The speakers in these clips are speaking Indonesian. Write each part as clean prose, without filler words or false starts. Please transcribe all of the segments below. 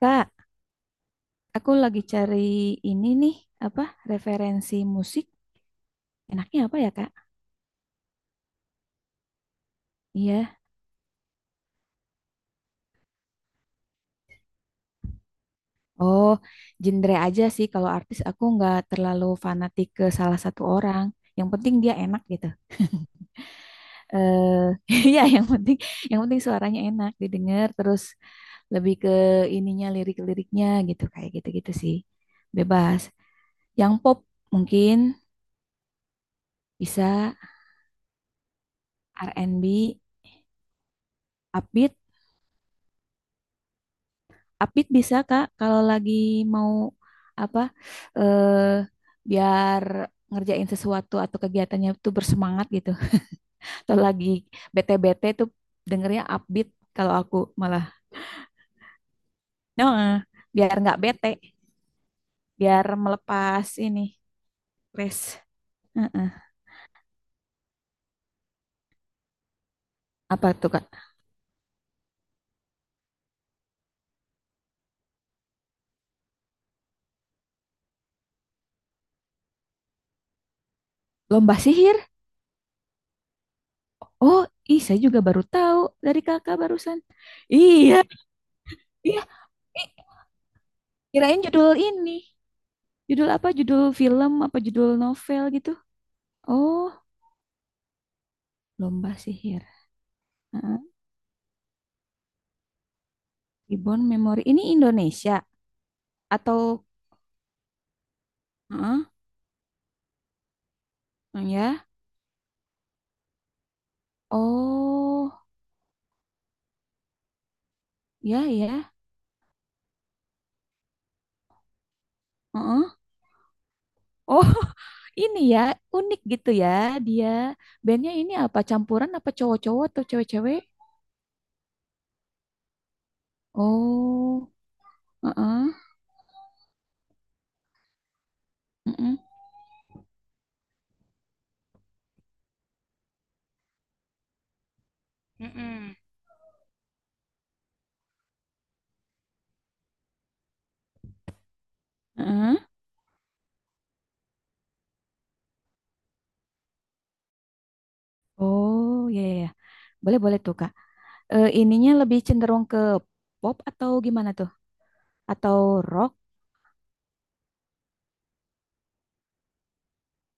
Kak, aku lagi cari ini nih, apa referensi musik. Enaknya apa ya, Kak? Iya. Oh, genre aja sih. Kalau artis aku nggak terlalu fanatik ke salah satu orang. Yang penting dia enak gitu. Eh, iya, yang penting suaranya enak didengar terus lebih ke ininya lirik-liriknya gitu kayak gitu-gitu sih. Bebas. Yang pop mungkin bisa R&B, upbeat. Update bisa Kak kalau lagi mau apa eh biar ngerjain sesuatu atau kegiatannya tuh bersemangat gitu. Atau lagi bete-bete tuh dengernya upbeat kalau aku malah. Nah, biar nggak bete, biar melepas ini stres. Heeh. Apa tuh Kak? Lomba sihir? Oh, ih saya juga baru tahu dari Kakak barusan. Iya, iya. Ih, kirain judul ini. Judul apa? Judul film apa judul novel gitu? Oh, lomba sihir. Heeh. Reborn Memory. Ini Indonesia atau heeh, ya? Oh, ya ya. Heeh. Oh, ini ya unik gitu ya dia. Bandnya ini apa? Campuran apa cowok-cowok atau cewek-cewek? Oh, heeh. Heeh, mm-mm. Heeh. Oh, ya ya. Ya. Boleh boleh tuh, Kak. Eh, ininya lebih cenderung ke pop atau gimana tuh? Atau rock?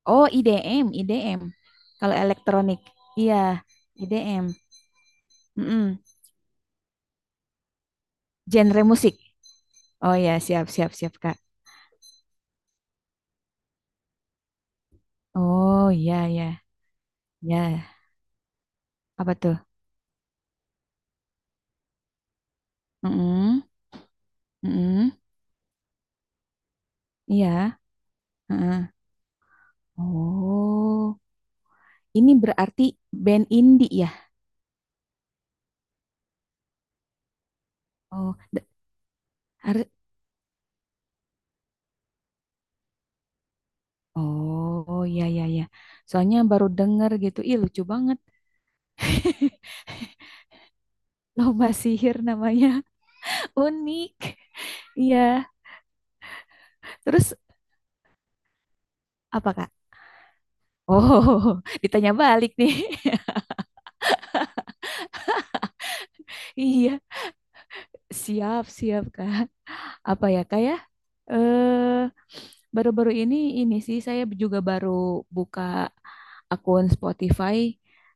Oh, IDM, IDM. Kalau elektronik. Iya, IDM. Mm-mm. Genre musik. Oh ya, siap, siap, siap, Kak. Oh ya, ya, ya. Apa tuh? Mm-mm. Mm-mm. Iya. mm Oh, ini berarti band indie ya? Oh, da- harus. Oh, ya, ya, ya. Soalnya baru denger gitu. Ih, lucu banget. Lomba sihir namanya. Unik. Iya. Terus apa, Kak? Oh, ditanya balik nih. Iya, siap, siap, Kak. Apa ya, Kak ya? Eh, baru-baru ini sih saya juga baru buka akun Spotify.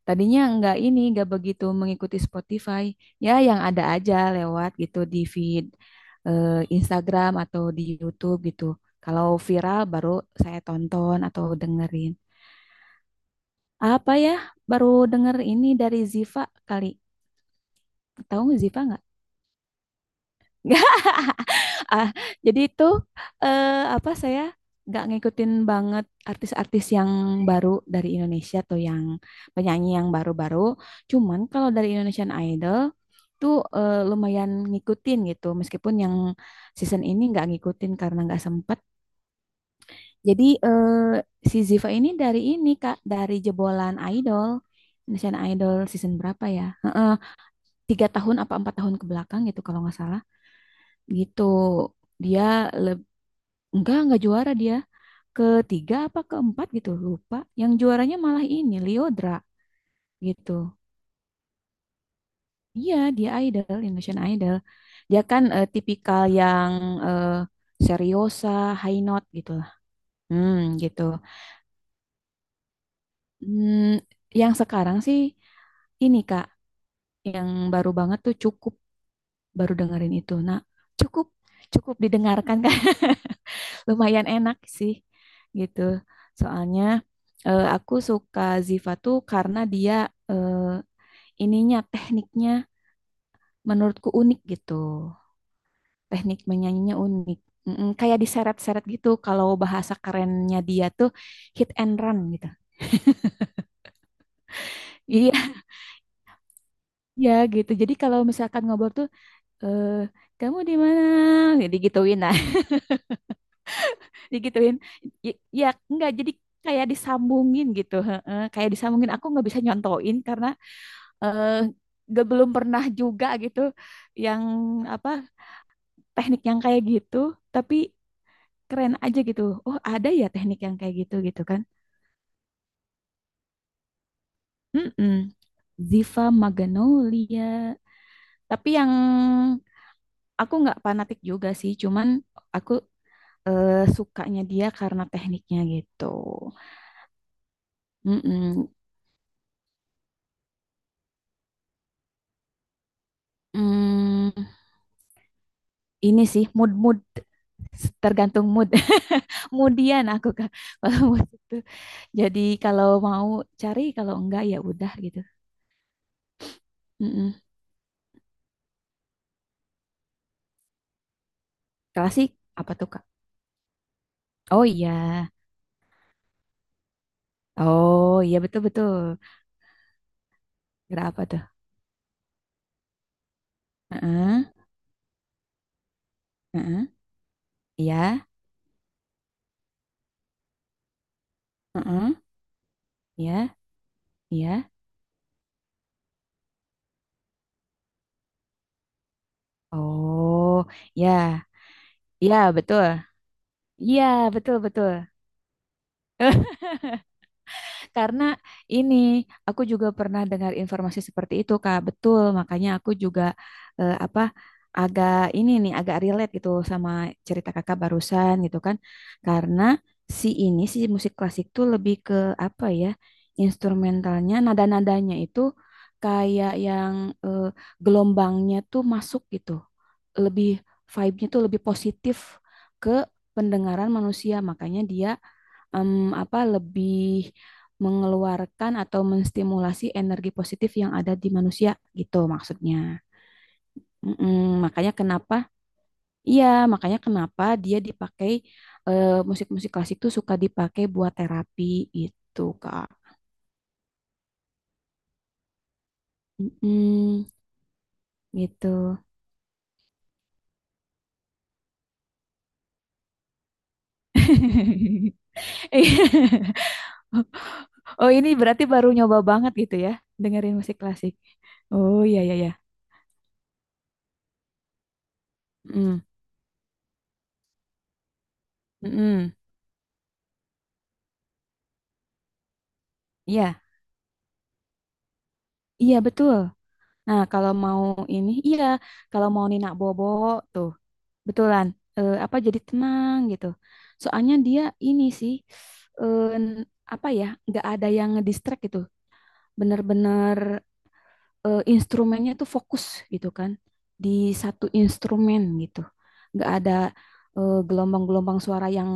Tadinya nggak ini, nggak begitu mengikuti Spotify. Ya, yang ada aja lewat gitu di feed eh, Instagram atau di YouTube gitu. Kalau viral baru saya tonton atau dengerin. Apa ya? Baru denger ini dari Ziva kali. Tahu nggak Ziva nggak? Ah, jadi itu eh, apa saya nggak ngikutin banget artis-artis yang baru dari Indonesia tuh yang penyanyi yang baru-baru. Cuman kalau dari Indonesian Idol tuh lumayan ngikutin gitu. Meskipun yang season ini nggak ngikutin karena nggak sempet. Jadi si Ziva ini dari ini Kak, dari jebolan Idol. Indonesian Idol season berapa ya? Heeh, tiga tahun apa empat tahun ke belakang gitu kalau nggak salah. Gitu dia le- enggak juara dia. Ketiga apa keempat gitu, lupa. Yang juaranya malah ini, Liodra gitu. Iya, dia idol, Indonesian Idol. Dia kan tipikal yang eh, seriosa, high note gitu lah. Hmm, gitu. Hmm, yang sekarang sih ini Kak, yang baru banget tuh cukup baru dengerin itu. Nah, cukup cukup didengarkan lumayan enak sih gitu. Soalnya aku suka Ziva tuh karena dia eh, ininya tekniknya menurutku unik gitu. Teknik menyanyinya unik. Kayak diseret-seret gitu kalau bahasa kerennya dia tuh hit and run gitu. Iya, ya gitu. Jadi kalau misalkan ngobrol tuh eh kamu di mana? Digituin gituin nah, digituin. Ya enggak jadi kayak disambungin gitu heeh. Kayak disambungin aku nggak bisa nyontoin karena eh gak belum pernah juga gitu yang apa teknik yang kayak gitu tapi keren aja gitu, oh ada ya teknik yang kayak gitu gitu kan. mm Ziva Magnolia, tapi yang aku nggak fanatik juga sih cuman aku sukanya dia karena tekniknya gitu. Mm-mm. mm ini sih mood mood, tergantung mood, moodian aku Kak, kalau mood itu. Jadi kalau mau cari, kalau enggak ya udah gitu. Mm-mm. Klasik apa tuh Kak? Oh iya, oh iya betul betul. Gerak apa tuh? Heeh, heeh, iya, heeh, iya, iya. Oh, ya, iya betul, iya betul betul. Karena ini aku juga pernah dengar informasi seperti itu, Kak. Betul, makanya aku juga apa agak ini nih agak relate gitu sama cerita Kakak barusan gitu kan. Karena si ini si musik klasik tuh lebih ke apa ya? Instrumentalnya, nada-nadanya itu kayak yang eh, gelombangnya tuh masuk gitu. Lebih vibe-nya tuh lebih positif ke pendengaran manusia, makanya dia em, apa lebih mengeluarkan atau menstimulasi energi positif yang ada di manusia gitu maksudnya. Mm-mm, makanya kenapa? Iya, makanya kenapa dia dipakai musik-musik klasik tuh suka dipakai buat terapi gitu, Kak. Mm-mm, gitu. Iya. Oh, ini berarti baru nyoba banget gitu ya, dengerin musik klasik. Oh, iya iya iya. Mm, mm-mm. Iya, iya betul. Nah, kalau mau ini, iya, kalau mau Nina Bobo tuh, betulan, apa jadi tenang gitu. Soalnya dia ini sih, eh, apa ya, nggak ada yang ngedistract gitu. Bener-bener instrumennya tuh fokus gitu kan, di satu instrumen gitu. Nggak ada gelombang-gelombang suara yang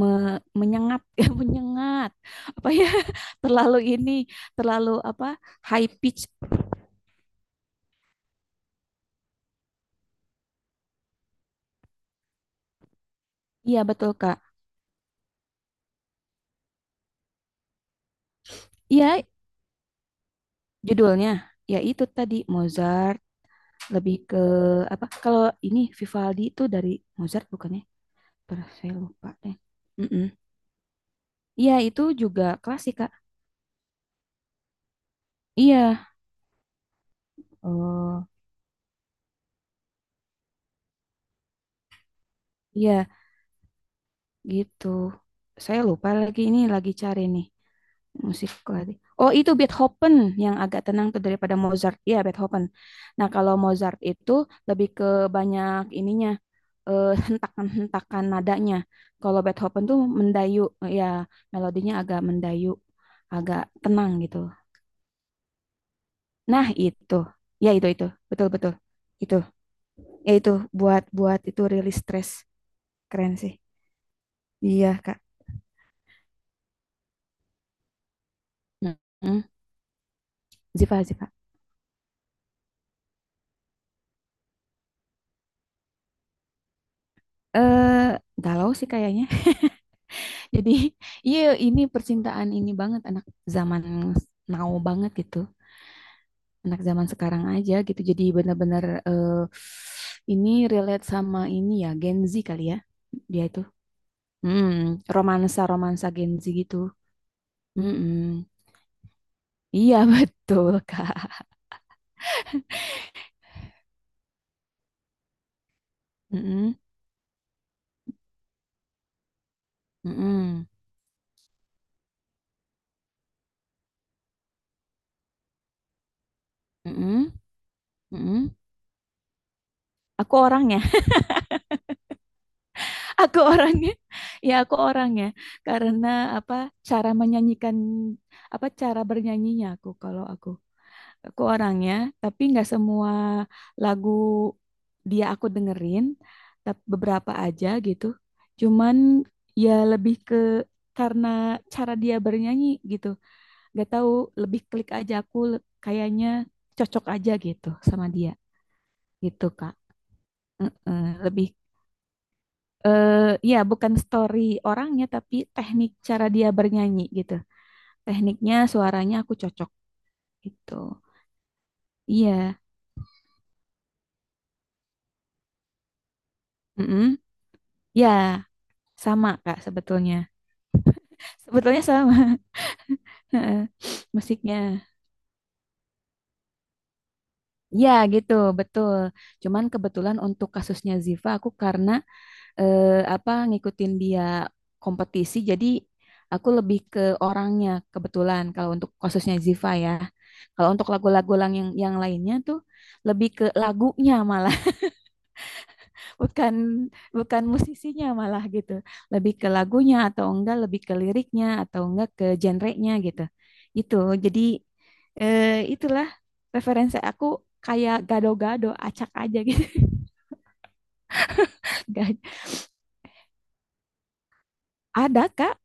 menyengat, ya menyengat, apa ya, terlalu ini, terlalu apa, high pitch. Iya betul Kak. Iya, judulnya ya itu tadi Mozart, lebih ke apa? Kalau ini Vivaldi itu dari Mozart bukannya? Per saya lupa deh. Mm-mm. Iya itu juga klasik Kak. Iya. Oh, iya, gitu. Saya lupa lagi ini lagi cari nih musik lagi. Oh, itu Beethoven yang agak tenang tuh daripada Mozart. Iya, Beethoven. Nah, kalau Mozart itu lebih ke banyak ininya hentakan-hentakan nadanya. Kalau Beethoven tuh mendayu, ya melodinya agak mendayu, agak tenang gitu. Nah, itu. Ya, itu itu. Betul, betul. Itu. Ya itu buat buat itu rilis stres. Keren sih. Iya, Kak. Mm-mm. Ziva, Ziva. Eh, galau sih kayaknya. Jadi, iya, ini percintaan ini banget anak zaman now banget gitu. Anak zaman sekarang aja gitu. Jadi benar-benar ini relate sama ini ya Gen Z kali ya. Dia itu. Hmm, romansa-romansa Gen Z gitu. Mm-mm. Iya betul, Kak. Mm-mm. Mm-mm. Mm-mm. Mm-mm. Aku orangnya aku orangnya ya aku orangnya karena apa cara menyanyikan apa cara bernyanyinya aku kalau aku orangnya tapi nggak semua lagu dia aku dengerin tapi beberapa aja gitu cuman ya lebih ke karena cara dia bernyanyi gitu, nggak tahu lebih klik aja aku kayaknya cocok aja gitu sama dia gitu Kak. Mm-mm, lebih eh ya, bukan story orangnya, tapi teknik cara dia bernyanyi gitu. Tekniknya, suaranya aku cocok gitu. Iya, mm ya, sama Kak sebetulnya. Sebetulnya sama heeh, musiknya. Ya gitu, betul. Cuman kebetulan untuk kasusnya Ziva, aku karena eh, apa ngikutin dia kompetisi jadi aku lebih ke orangnya, kebetulan kalau untuk khususnya Ziva ya. Kalau untuk lagu-lagu yang lainnya tuh lebih ke lagunya malah, bukan bukan musisinya malah gitu, lebih ke lagunya atau enggak lebih ke liriknya atau enggak ke genrenya gitu. Itu jadi eh, itulah referensi aku, kayak gado-gado acak aja gitu. Gak- ada kak,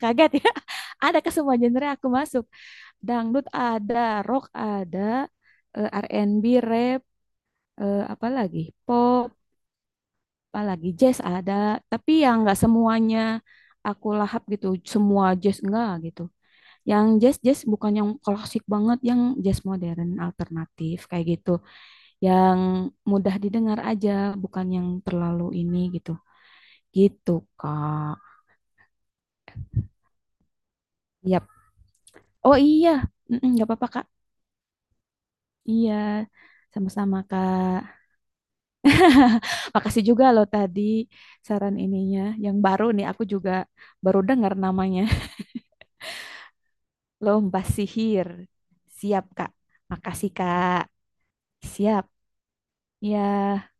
kaget ya, ada, ke semua genre aku masuk. Dangdut ada, rock ada, eh, R&B, rap, eh, apa lagi pop, apa lagi jazz ada. Tapi yang nggak semuanya aku lahap gitu, semua jazz enggak gitu. Yang jazz jazz bukan yang klasik banget, yang jazz modern alternatif kayak gitu, yang mudah didengar aja, bukan yang terlalu ini gitu. Gitu, Kak. Yap. Oh iya, mm-mm, nggak apa-apa, Kak. Iya, sama-sama, Kak. Makasih juga lo tadi saran ininya. Yang baru nih aku juga baru dengar namanya. Lomba sihir. Siap, Kak. Makasih, Kak. Siap. Ya,